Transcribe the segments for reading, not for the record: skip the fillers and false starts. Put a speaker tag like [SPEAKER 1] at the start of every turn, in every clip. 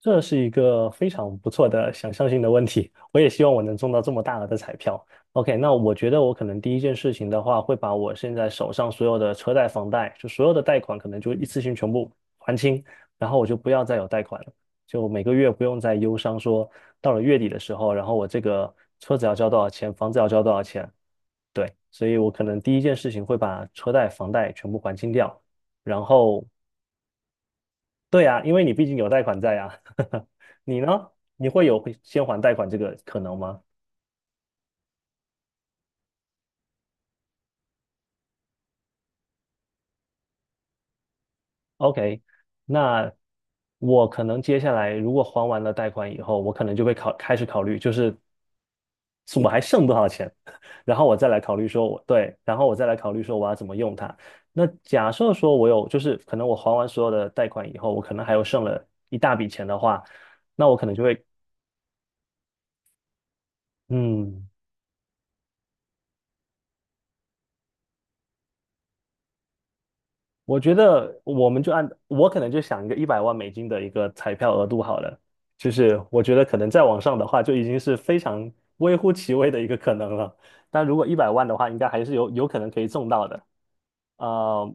[SPEAKER 1] 这是一个非常不错的想象性的问题，我也希望我能中到这么大额的彩票。OK，那我觉得我可能第一件事情的话，会把我现在手上所有的车贷、房贷，就所有的贷款，可能就一次性全部还清，然后我就不要再有贷款了，就每个月不用再忧伤说到了月底的时候，然后我这个车子要交多少钱，房子要交多少钱。对，所以我可能第一件事情会把车贷、房贷全部还清掉，然后对啊，因为你毕竟有贷款在啊。你呢？你会有先还贷款这个可能吗？OK，那我可能接下来如果还完了贷款以后，我可能就会开始考虑，就是我还剩多少钱，然后我再来考虑说我对，然后我再来考虑说我要怎么用它。那假设说我有，就是可能我还完所有的贷款以后，我可能还有剩了一大笔钱的话，那我可能就会。嗯，我觉得我们就按我可能就想一个100万美金的一个彩票额度好了，就是我觉得可能再往上的话就已经是非常微乎其微的一个可能了。但如果一百万的话，应该还是有可能可以中到的。呃，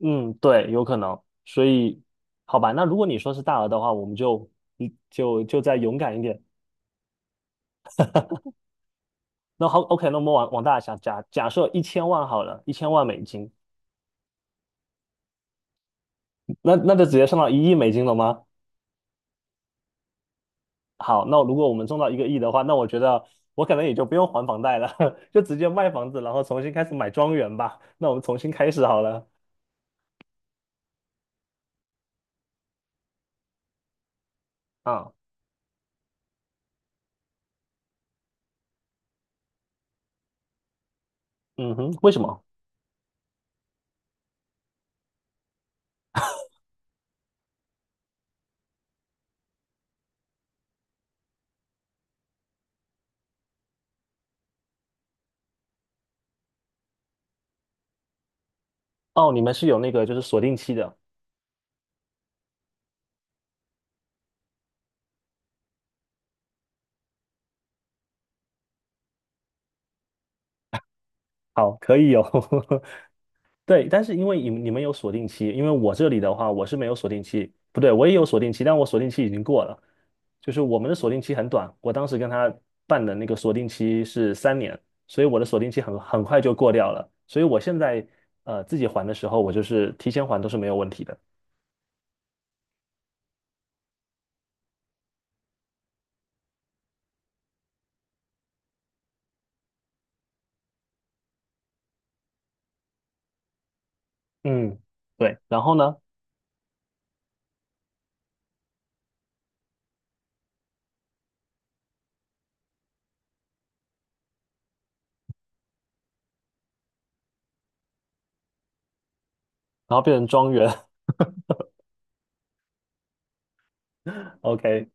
[SPEAKER 1] 嗯，对，有可能。所以，好吧，那如果你说是大额的话，我们就再勇敢一点。那好，OK，那我们往大了想，假设一千万好了，1000万美金，那就直接上到1亿美金了吗？好，那如果我们中到一个亿的话，那我觉得我可能也就不用还房贷了，就直接卖房子，然后重新开始买庄园吧。那我们重新开始好了。啊，嗯哼，为什么？哦，你们是有那个就是锁定期的。好，可以有。对，但是因为你们有锁定期，因为我这里的话我是没有锁定期，不对，我也有锁定期，但我锁定期已经过了，就是我们的锁定期很短，我当时跟他办的那个锁定期是3年，所以我的锁定期很快就过掉了，所以我现在自己还的时候，我就是提前还都是没有问题的。嗯，对，然后呢，然后变成庄园 ，OK。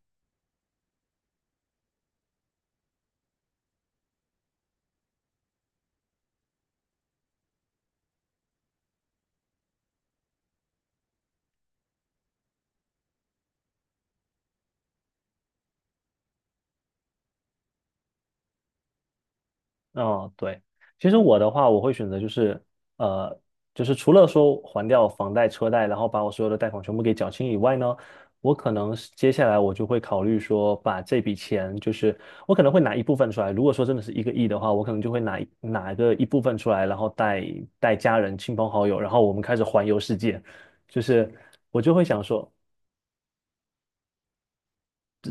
[SPEAKER 1] 嗯，对，其实我的话，我会选择就是，呃，就是除了说还掉房贷、车贷，然后把我所有的贷款全部给缴清以外呢，我可能是接下来我就会考虑说，把这笔钱，就是我可能会拿一部分出来。如果说真的是一个亿的话，我可能就会拿一部分出来，然后带家人、亲朋好友，然后我们开始环游世界。就是我就会想说。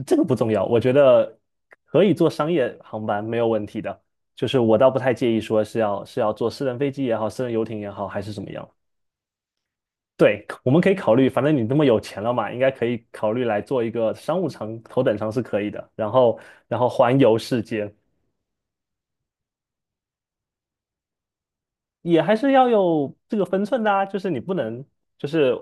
[SPEAKER 1] 这个不重要，我觉得可以坐商业航班没有问题的。就是我倒不太介意说是要坐私人飞机也好，私人游艇也好，还是怎么样。对，我们可以考虑，反正你那么有钱了嘛，应该可以考虑来做一个商务舱、头等舱是可以的。然后，然后环游世界也还是要有这个分寸的啊，就是你不能，就是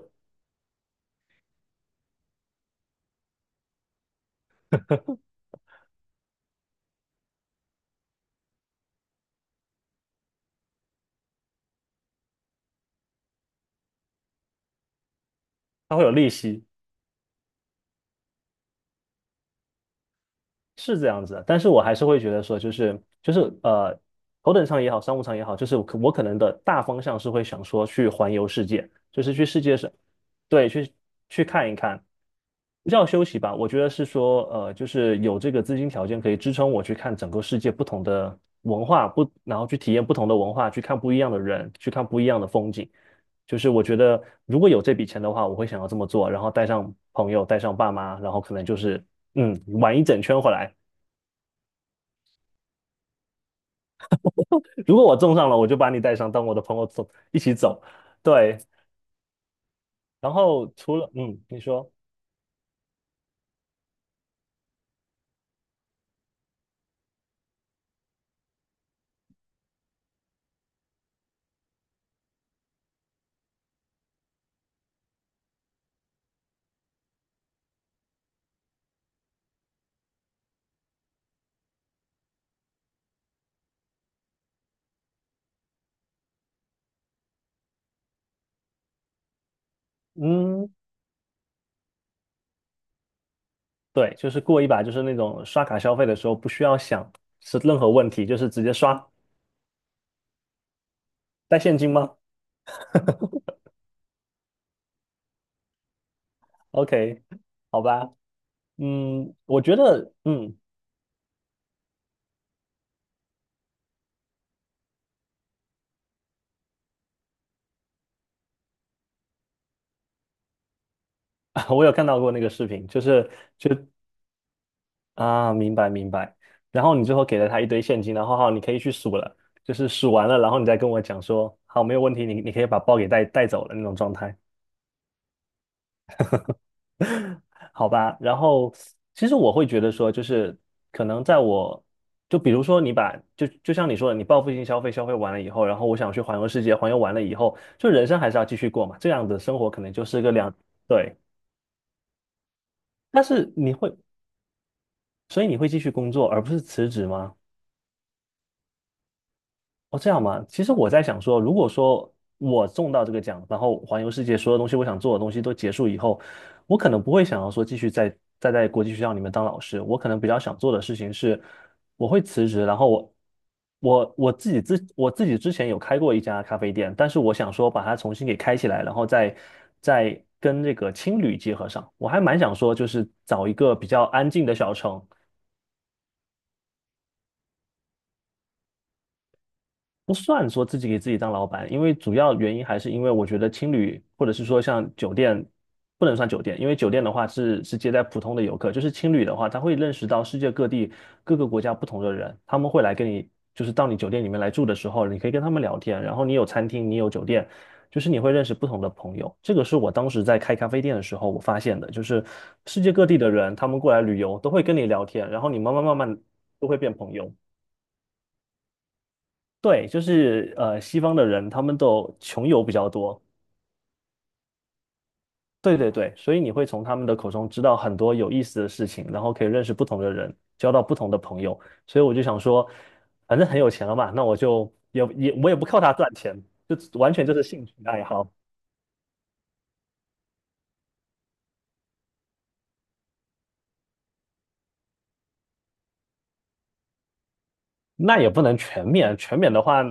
[SPEAKER 1] 它会有利息，是这样子的，但是我还是会觉得说，就是头等舱也好，商务舱也好，就是我可能的大方向是会想说去环游世界，就是去世界上，对，去看一看，不叫休息吧，我觉得是说就是有这个资金条件可以支撑我去看整个世界不同的文化，不，然后去体验不同的文化，去看不一样的人，去看不一样的风景。就是我觉得如果有这笔钱的话，我会想要这么做，然后带上朋友，带上爸妈，然后可能就是玩一整圈回来。如果我中上了，我就把你带上，当我的朋友走，一起走。对，然后除了你说嗯，对，就是过一把，就是那种刷卡消费的时候不需要想是任何问题，就是直接刷，带现金吗？OK，好吧，我觉得我有看到过那个视频，就是啊，明白明白。然后你最后给了他一堆现金，然后好，你可以去数了，就是数完了，然后你再跟我讲说，好，没有问题，你可以把包给带走了那种状态，好吧？然后其实我会觉得说，就是可能在我，就比如说你就像你说的，你报复性消费消费完了以后，然后我想去环游世界，环游完了以后，就人生还是要继续过嘛，这样的生活可能就是个两，对。但是你会，所以你会继续工作，而不是辞职吗？哦，这样吗？其实我在想说，如果说我中到这个奖，然后环游世界所有东西我想做的东西都结束以后，我可能不会想要说继续在国际学校里面当老师，我可能比较想做的事情是，我会辞职，然后我我我自己自我自己之前有开过一家咖啡店，但是我想说把它重新给开起来，然后再跟这个青旅结合上，我还蛮想说就是找一个比较安静的小城。不算说自己给自己当老板，因为主要原因还是因为我觉得青旅或者是说像酒店不能算酒店，因为酒店的话是接待普通的游客，就是青旅的话，他会认识到世界各地各个国家不同的人，他们会来跟你，就是到你酒店里面来住的时候，你可以跟他们聊天，然后你有餐厅，你有酒店，就是你会认识不同的朋友。这个是我当时在开咖啡店的时候我发现的，就是世界各地的人他们过来旅游都会跟你聊天，然后你慢慢慢慢都会变朋友。对，就是西方的人他们都穷游比较多，对对对，所以你会从他们的口中知道很多有意思的事情，然后可以认识不同的人，交到不同的朋友。所以我就想说，反正很有钱了嘛，那我也不靠他赚钱，就完全就是兴趣爱好。那也不能全免，全免的话，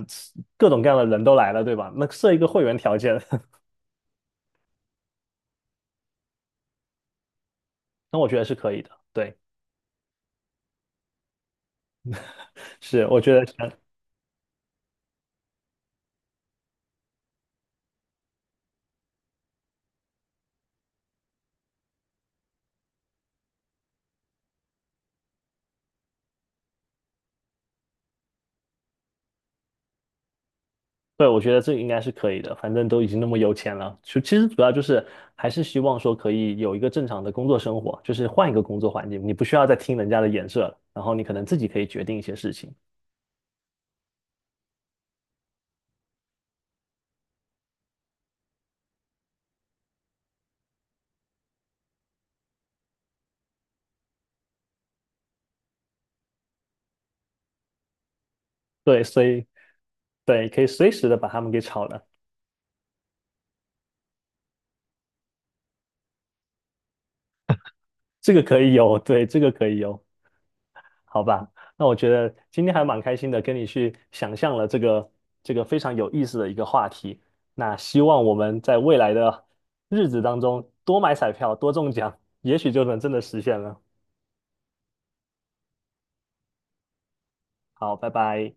[SPEAKER 1] 各种各样的人都来了，对吧？那设一个会员条件，那我觉得是可以的。对，是，我觉得。对，我觉得这应该是可以的，反正都已经那么有钱了，就其实主要就是还是希望说可以有一个正常的工作生活，就是换一个工作环境，你不需要再听人家的眼射了，然后你可能自己可以决定一些事情。对，所以对，可以随时的把他们给炒了。这个可以有，对，这个可以有。好吧，那我觉得今天还蛮开心的，跟你去想象了这个非常有意思的一个话题。那希望我们在未来的日子当中多买彩票，多中奖，也许就能真的实现了。好，拜拜。